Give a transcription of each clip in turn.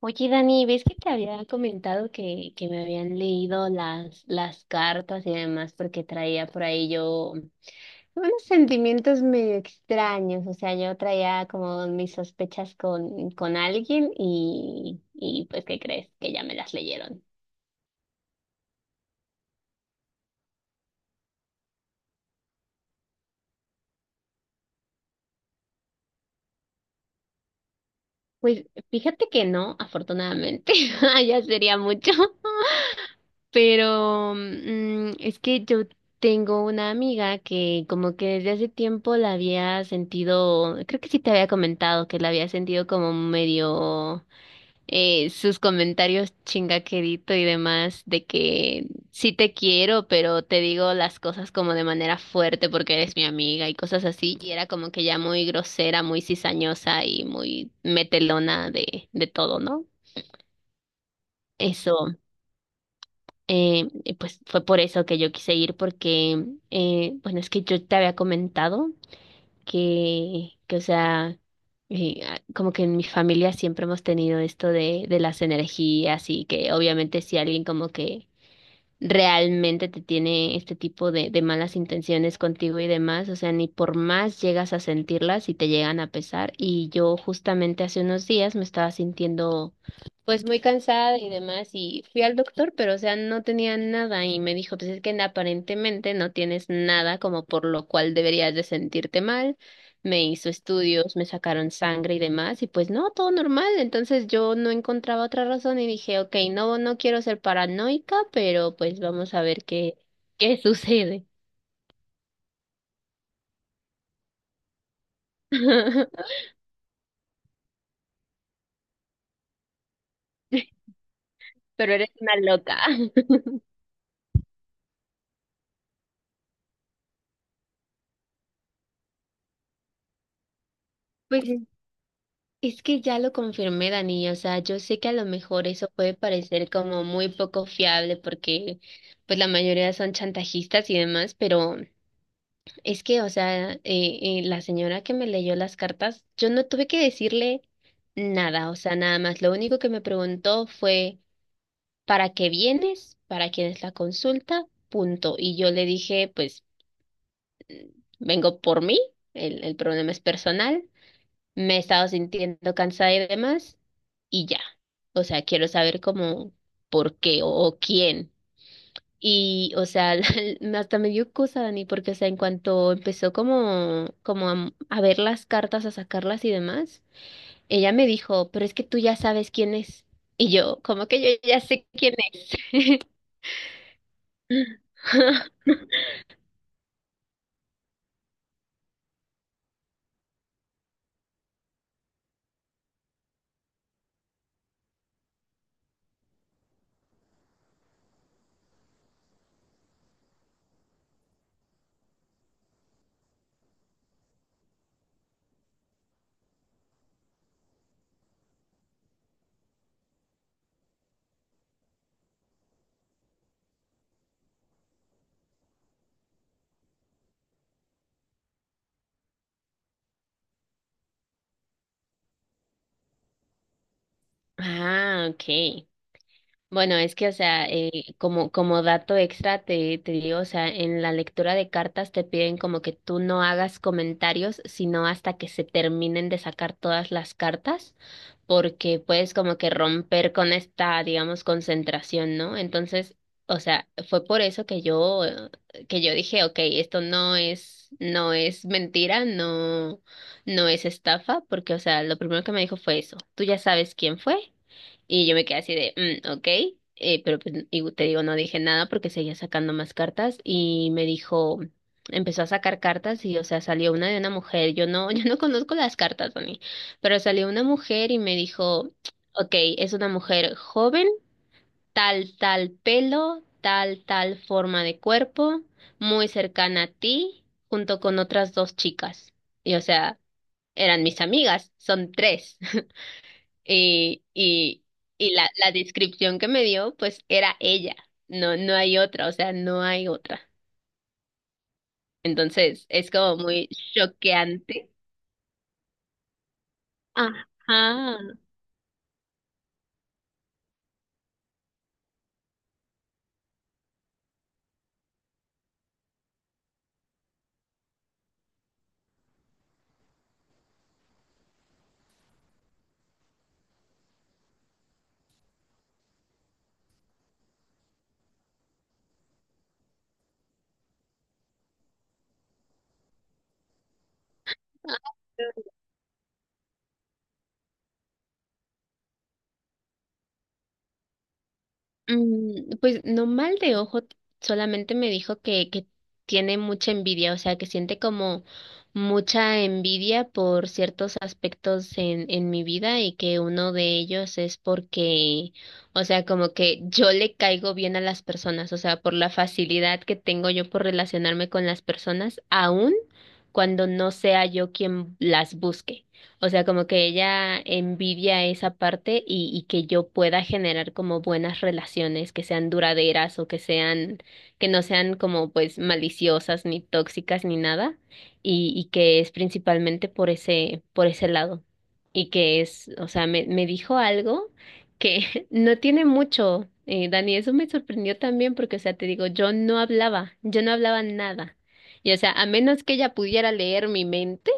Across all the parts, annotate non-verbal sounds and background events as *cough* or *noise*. Oye, Dani, ¿ves que te había comentado que me habían leído las cartas y demás? Porque traía por ahí yo unos sentimientos medio extraños. O sea, yo traía como mis sospechas con alguien y pues, ¿qué crees? Que ya me las leyeron. Pues fíjate que no, afortunadamente, *laughs* ya sería mucho. Pero mm, es que yo tengo una amiga que como que desde hace tiempo la había sentido, creo que sí te había comentado que la había sentido como medio sus comentarios chingaquerito y demás de que sí te quiero, pero te digo las cosas como de manera fuerte porque eres mi amiga y cosas así. Y era como que ya muy grosera, muy cizañosa y muy metelona de todo, ¿no? Eso. Y pues fue por eso que yo quise ir, porque, bueno, es que yo te había comentado que o sea, como que en mi familia siempre hemos tenido esto de las energías y que obviamente si alguien como que realmente te tiene este tipo de malas intenciones contigo y demás, o sea, ni por más llegas a sentirlas y te llegan a pesar. Y yo justamente hace unos días me estaba sintiendo pues muy cansada y demás y fui al doctor, pero o sea, no tenía nada y me dijo, pues es que aparentemente no tienes nada como por lo cual deberías de sentirte mal. Me hizo estudios, me sacaron sangre y demás, y pues no, todo normal. Entonces yo no encontraba otra razón y dije, ok, no, no quiero ser paranoica, pero pues vamos a ver qué, qué sucede. *laughs* Pero eres una loca. *laughs* Pues es que ya lo confirmé, Dani, o sea, yo sé que a lo mejor eso puede parecer como muy poco fiable porque pues la mayoría son chantajistas y demás, pero es que, o sea, la señora que me leyó las cartas, yo no tuve que decirle nada, o sea, nada más. Lo único que me preguntó fue, ¿para qué vienes? ¿Para quién es la consulta? Punto. Y yo le dije, pues, vengo por mí, el problema es personal, me he estado sintiendo cansada y demás, y ya. O sea, quiero saber cómo, por qué o quién. Y, o sea, *laughs* hasta me dio cosa, Dani, porque, o sea, en cuanto empezó como, como a ver las cartas, a sacarlas y demás, ella me dijo, pero es que tú ya sabes quién es. Y yo, ¿cómo que yo ya sé quién es? *laughs* Ah, ok. Bueno, es que, o sea, como, como dato extra te, te digo, o sea, en la lectura de cartas te piden como que tú no hagas comentarios, sino hasta que se terminen de sacar todas las cartas, porque puedes como que romper con esta, digamos, concentración, ¿no? Entonces, o sea, fue por eso que yo dije, ok, esto no es, no es mentira, no, no es estafa, porque, o sea, lo primero que me dijo fue eso. ¿Tú ya sabes quién fue? Y yo me quedé así de, mm, ok, pero pues, y te digo, no dije nada porque seguía sacando más cartas y me dijo, empezó a sacar cartas y, o sea, salió una de una mujer, yo no, *laughs* yo no conozco las cartas, Tony, pero salió una mujer y me dijo, ok, es una mujer joven, tal, tal pelo, tal, tal forma de cuerpo, muy cercana a ti, junto con otras dos chicas. Y, o sea, eran mis amigas, son tres. *laughs* Y, y la descripción que me dio, pues era ella. No, no hay otra, o sea, no hay otra. Entonces, es como muy choqueante. Ajá. Mm, pues no mal de ojo, solamente me dijo que tiene mucha envidia, o sea, que siente como mucha envidia por ciertos aspectos en mi vida y que uno de ellos es porque, o sea, como que yo le caigo bien a las personas, o sea, por la facilidad que tengo yo por relacionarme con las personas, aun cuando no sea yo quien las busque. O sea, como que ella envidia esa parte y que yo pueda generar como buenas relaciones que sean duraderas o que sean, que no sean como pues maliciosas ni tóxicas ni nada y, y que es principalmente por ese lado y que es, o sea, me dijo algo que *laughs* no tiene mucho, Dani, eso me sorprendió también porque, o sea, te digo, yo no hablaba nada. Y o sea, a menos que ella pudiera leer mi mente,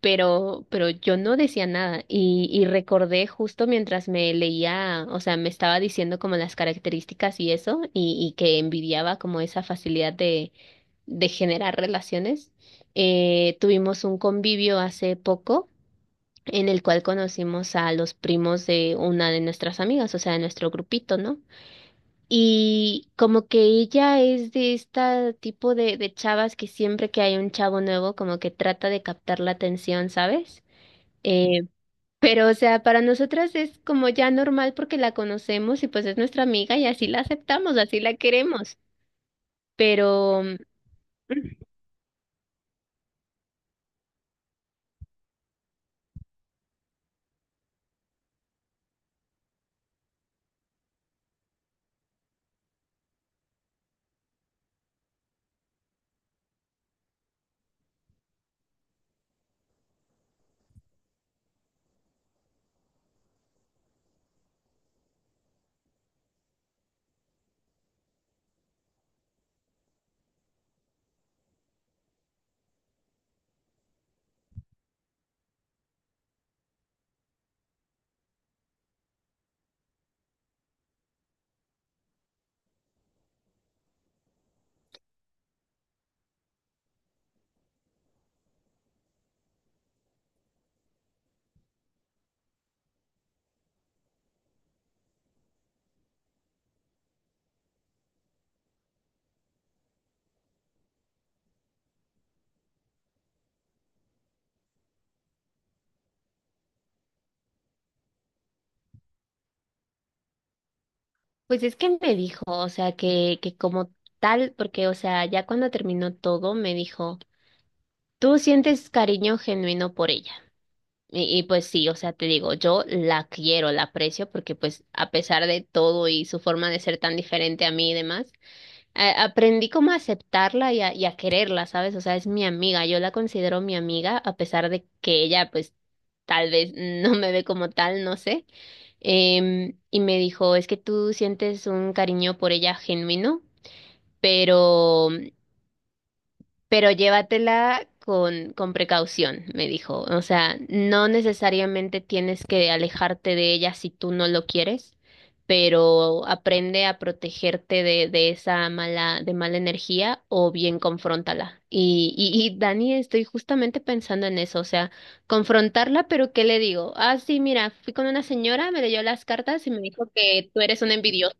pero yo no decía nada y, y recordé justo mientras me leía, o sea, me estaba diciendo como las características y eso, y que envidiaba como esa facilidad de generar relaciones. Tuvimos un convivio hace poco en el cual conocimos a los primos de una de nuestras amigas, o sea, de nuestro grupito, ¿no? Y como que ella es de este tipo de chavas que siempre que hay un chavo nuevo, como que trata de captar la atención, ¿sabes? Eh, pero, o sea, para nosotras es como ya normal porque la conocemos y pues es nuestra amiga y así la aceptamos, así la queremos. Pero, mm, pues es que me dijo, o sea, que como tal, porque, o sea, ya cuando terminó todo, me dijo, tú sientes cariño genuino por ella. Y pues sí, o sea, te digo, yo la quiero, la aprecio porque pues a pesar de todo y su forma de ser tan diferente a mí y demás. Aprendí como a aceptarla y a quererla, ¿sabes? O sea, es mi amiga, yo la considero mi amiga, a pesar de que ella, pues, tal vez *laughs* no me ve como tal, no sé. Y me dijo, es que tú sientes un cariño por ella genuino, pero llévatela con precaución, me dijo. O sea, no necesariamente tienes que alejarte de ella si tú no lo quieres, pero aprende a protegerte de esa mala, de mala energía o bien confróntala. Y Dani, estoy justamente pensando en eso, o sea, confrontarla, pero ¿qué le digo? Ah, sí, mira, fui con una señora, me leyó las cartas y me dijo que tú eres una envidiosa.